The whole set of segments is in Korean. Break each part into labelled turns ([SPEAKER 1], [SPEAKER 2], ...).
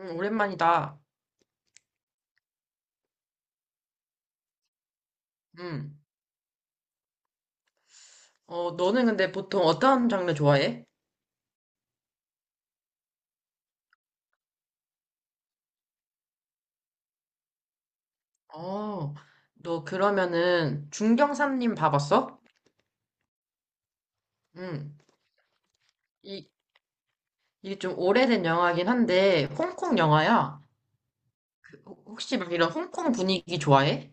[SPEAKER 1] 응 오랜만이다. 응. 어, 너는 근데 보통 어떤 장르 좋아해? 어, 너 그러면은 중경사님 봐봤어? 응. 이, 이게 좀 오래된 영화긴 한데, 홍콩 영화야. 혹시 막 이런 홍콩 분위기 좋아해?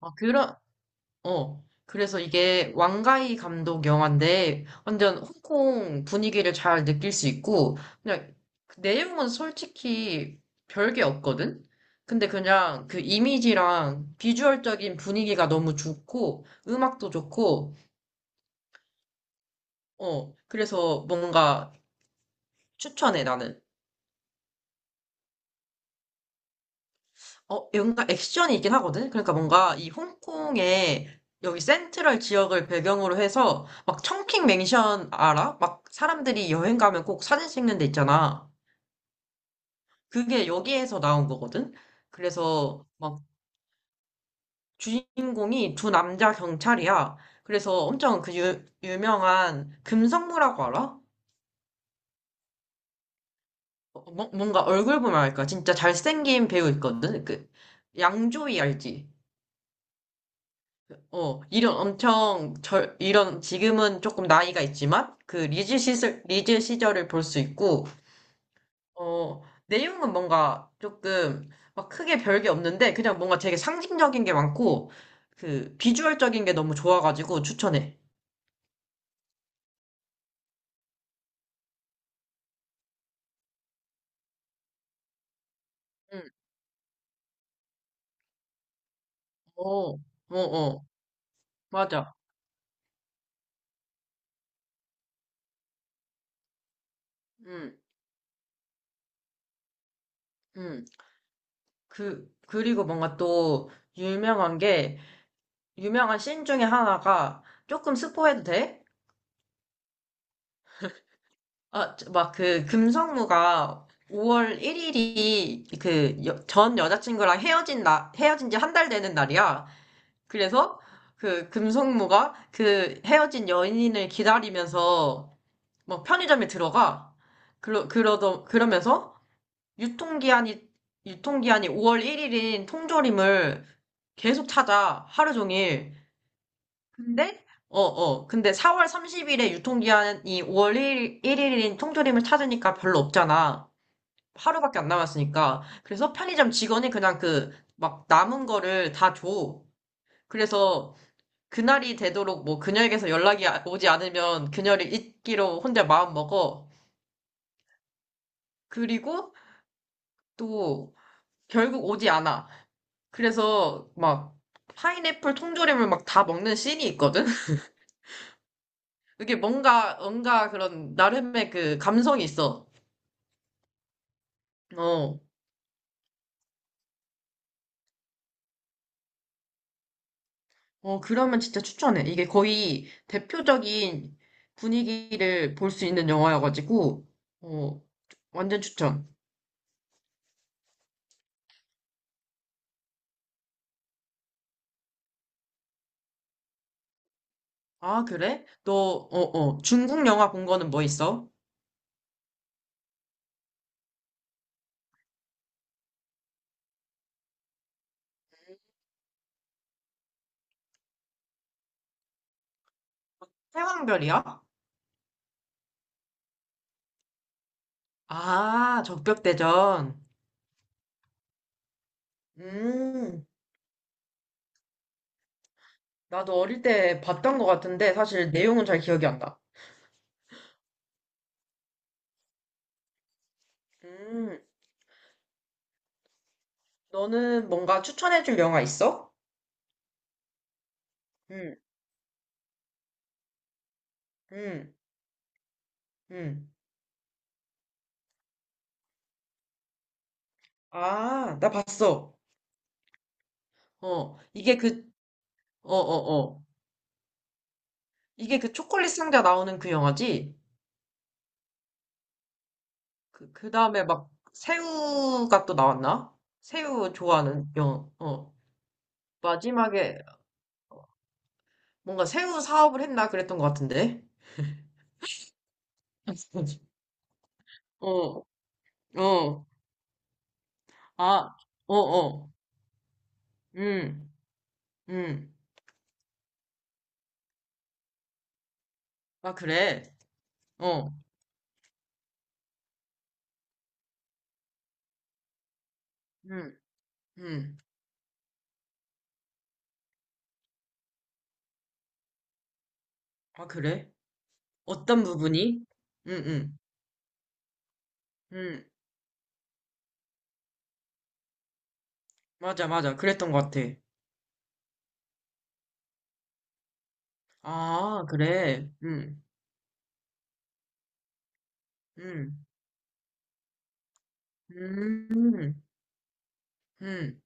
[SPEAKER 1] 어, 그런, 어. 그래서 이게 왕가이 감독 영화인데 완전 홍콩 분위기를 잘 느낄 수 있고 그냥 그 내용은 솔직히 별게 없거든? 근데 그냥 그 이미지랑 비주얼적인 분위기가 너무 좋고 음악도 좋고 어. 그래서 뭔가 추천해 나는. 어, 뭔가 액션이 있긴 하거든? 그러니까 뭔가 이 홍콩의 여기 센트럴 지역을 배경으로 해서 막 청킹 맨션 알아? 막 사람들이 여행 가면 꼭 사진 찍는 데 있잖아. 그게 여기에서 나온 거거든? 그래서 막 주인공이 두 남자 경찰이야. 그래서 엄청 그 유명한 금성무라고 알아? 어, 뭔가 얼굴 보면 알까? 진짜 잘생긴 배우 있거든? 그 양조위 알지? 어, 이런 엄청 이런 지금은 조금 나이가 있지만 그 리즈 시절 리즈 시절을 볼 수 있고 어, 내용은 뭔가 조금 막 크게 별게 없는데 그냥 뭔가 되게 상징적인 게 많고 그 비주얼적인 게 너무 좋아가지고 추천해. 응, 어, 어, 어, 맞아. 응, 응. 그, 그리고 뭔가 또 유명한 게, 유명한 씬 중에 하나가, 조금 스포해도 돼? 아, 막 그 금성무가 5월 1일이 그 전 여자친구랑 헤어진 지 한 달 되는 날이야. 그래서 그 금성무가 그 헤어진 연인을 기다리면서 뭐 편의점에 들어가. 그러면서 유통기한이, 유통기한이 5월 1일인 통조림을 계속 찾아. 하루 종일. 근데 어, 어. 근데 4월 30일에 유통기한이 5월 일인 통조림을 찾으니까 별로 없잖아. 하루밖에 안 남았으니까. 그래서 편의점 직원이 그냥 그, 막 남은 거를 다 줘. 그래서 그날이 되도록 뭐 그녀에게서 오지 않으면 그녀를 잊기로 혼자 마음 먹어. 그리고 또 결국 오지 않아. 그래서 막 파인애플 통조림을 막 다 먹는 씬이 있거든? 이게 뭔가, 뭔가 그런 나름의 그 감성이 있어. 어, 어, 그러면 진짜 추천해. 이게 거의 대표적인 분위기를 볼 수 있는 영화여가지고, 어, 완전 추천. 아, 그래? 너, 어, 어, 중국 영화 본 거는 뭐 있어? 태왕별이야? 아, 적벽대전. 음, 나도 어릴 때 봤던 것 같은데, 사실 내용은 잘 기억이 안 나. 음, 너는 뭔가 추천해줄 영화 있어? 응 응 응 아, 나 봤어. 어, 이게 그, 어, 어, 어. 이게 그 초콜릿 상자 나오는 그 영화지? 그 다음에 막 새우가 또 나왔나? 새우 좋아하는 영화, 어. 마지막에 뭔가 새우 사업을 했나 그랬던 것 같은데? 어, 어, 아, 어, 어, 음, 음. 아, 그래? 어, 음, 음. 아, 그래? 어떤 부분이? 음, 음, 음. 맞아, 맞아. 그랬던 것 같아. 아, 그래? 음, 음, 음.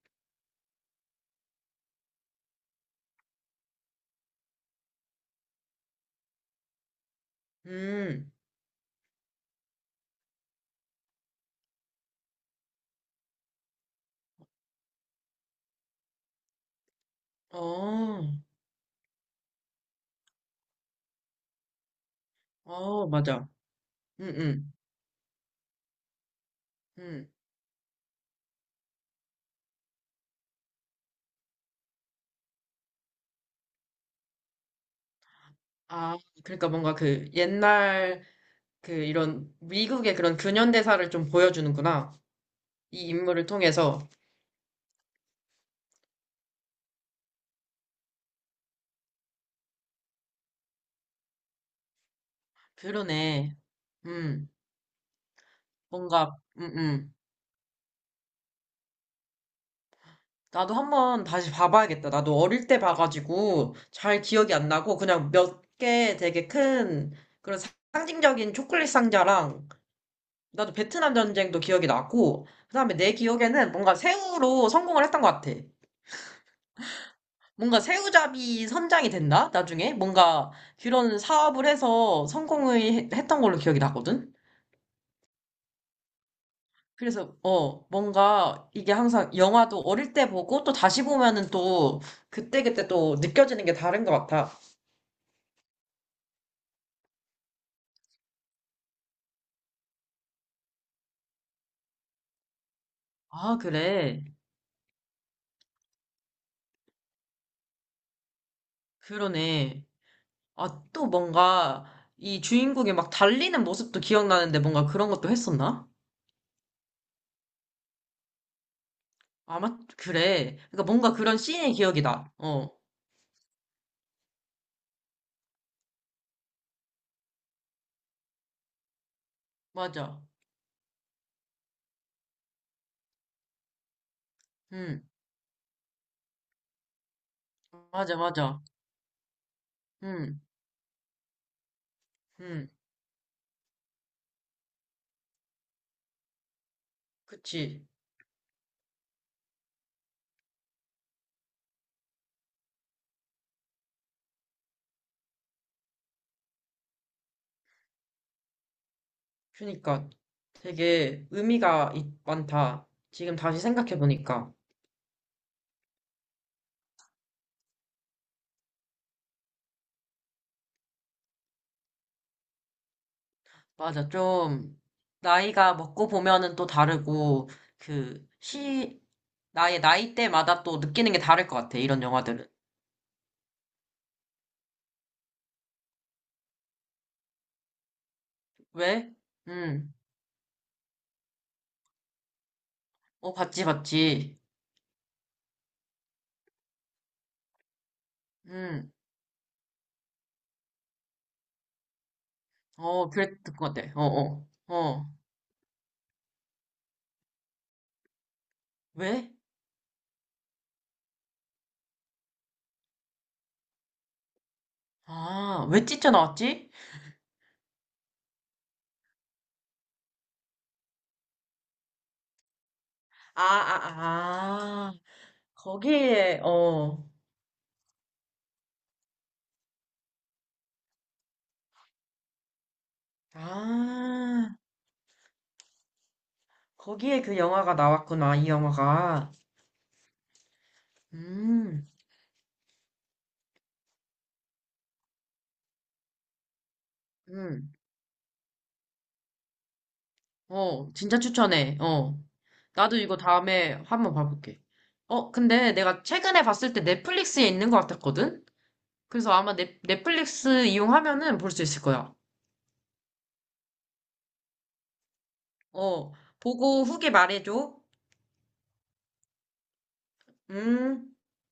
[SPEAKER 1] 음. 어, 어, 맞아. 응, 응, 응. 아, 그러니까 뭔가 그 옛날 그 이런 미국의 그런 근현대사를 좀 보여주는구나. 이 인물을 통해서. 그러네. 음, 뭔가, 나도 한번 다시 봐봐야겠다. 나도 어릴 때 봐가지고 잘 기억이 안 나고 그냥 몇 개 되게 큰 그런 상징적인 초콜릿 상자랑 나도 베트남 전쟁도 기억이 나고 그다음에 내 기억에는 뭔가 새우로 성공을 했던 것 같아. 뭔가 새우잡이 선장이 된다? 나중에? 뭔가 그런 사업을 해서 했던 걸로 기억이 나거든? 그래서, 어, 뭔가 이게 항상 영화도 어릴 때 보고 또 다시 보면은 또 그때그때 또 느껴지는 게 다른 것 같아. 아, 그래. 그러네. 아, 또 뭔가 이 주인공이 막 달리는 모습도 기억나는데 뭔가 그런 것도 했었나? 아마, 그래. 그러니까 뭔가 그런 씬의 기억이 나. 어, 맞아. 응, 맞아, 맞아. 응, 응. 그치. 그니까 되게 많다. 지금 다시 생각해보니까. 맞아. 좀, 나이가 먹고 보면은 또 다르고, 그, 시, 나의 나이대마다 또 느끼는 게 다를 것 같아. 이런 영화들은. 왜? 음. 어, 봤지, 봤지. 음. 어, 그랬던 것 같아. 어, 어. 어. 왜? 아, 왜 찢져 나왔지? 아, 아, 아. 거기에, 어. 아. 거기에 그 영화가 나왔구나, 이 영화가. 음, 음. 어, 진짜 추천해. 어. 나도 이거 다음에 한번 봐볼게. 어, 근데 내가 최근에 봤을 때 넷플릭스에 있는 것 같았거든? 그래서 아마 넷플릭스 이용하면은 볼 수 있을 거야. 어, 보고 후기 말해줘. 음.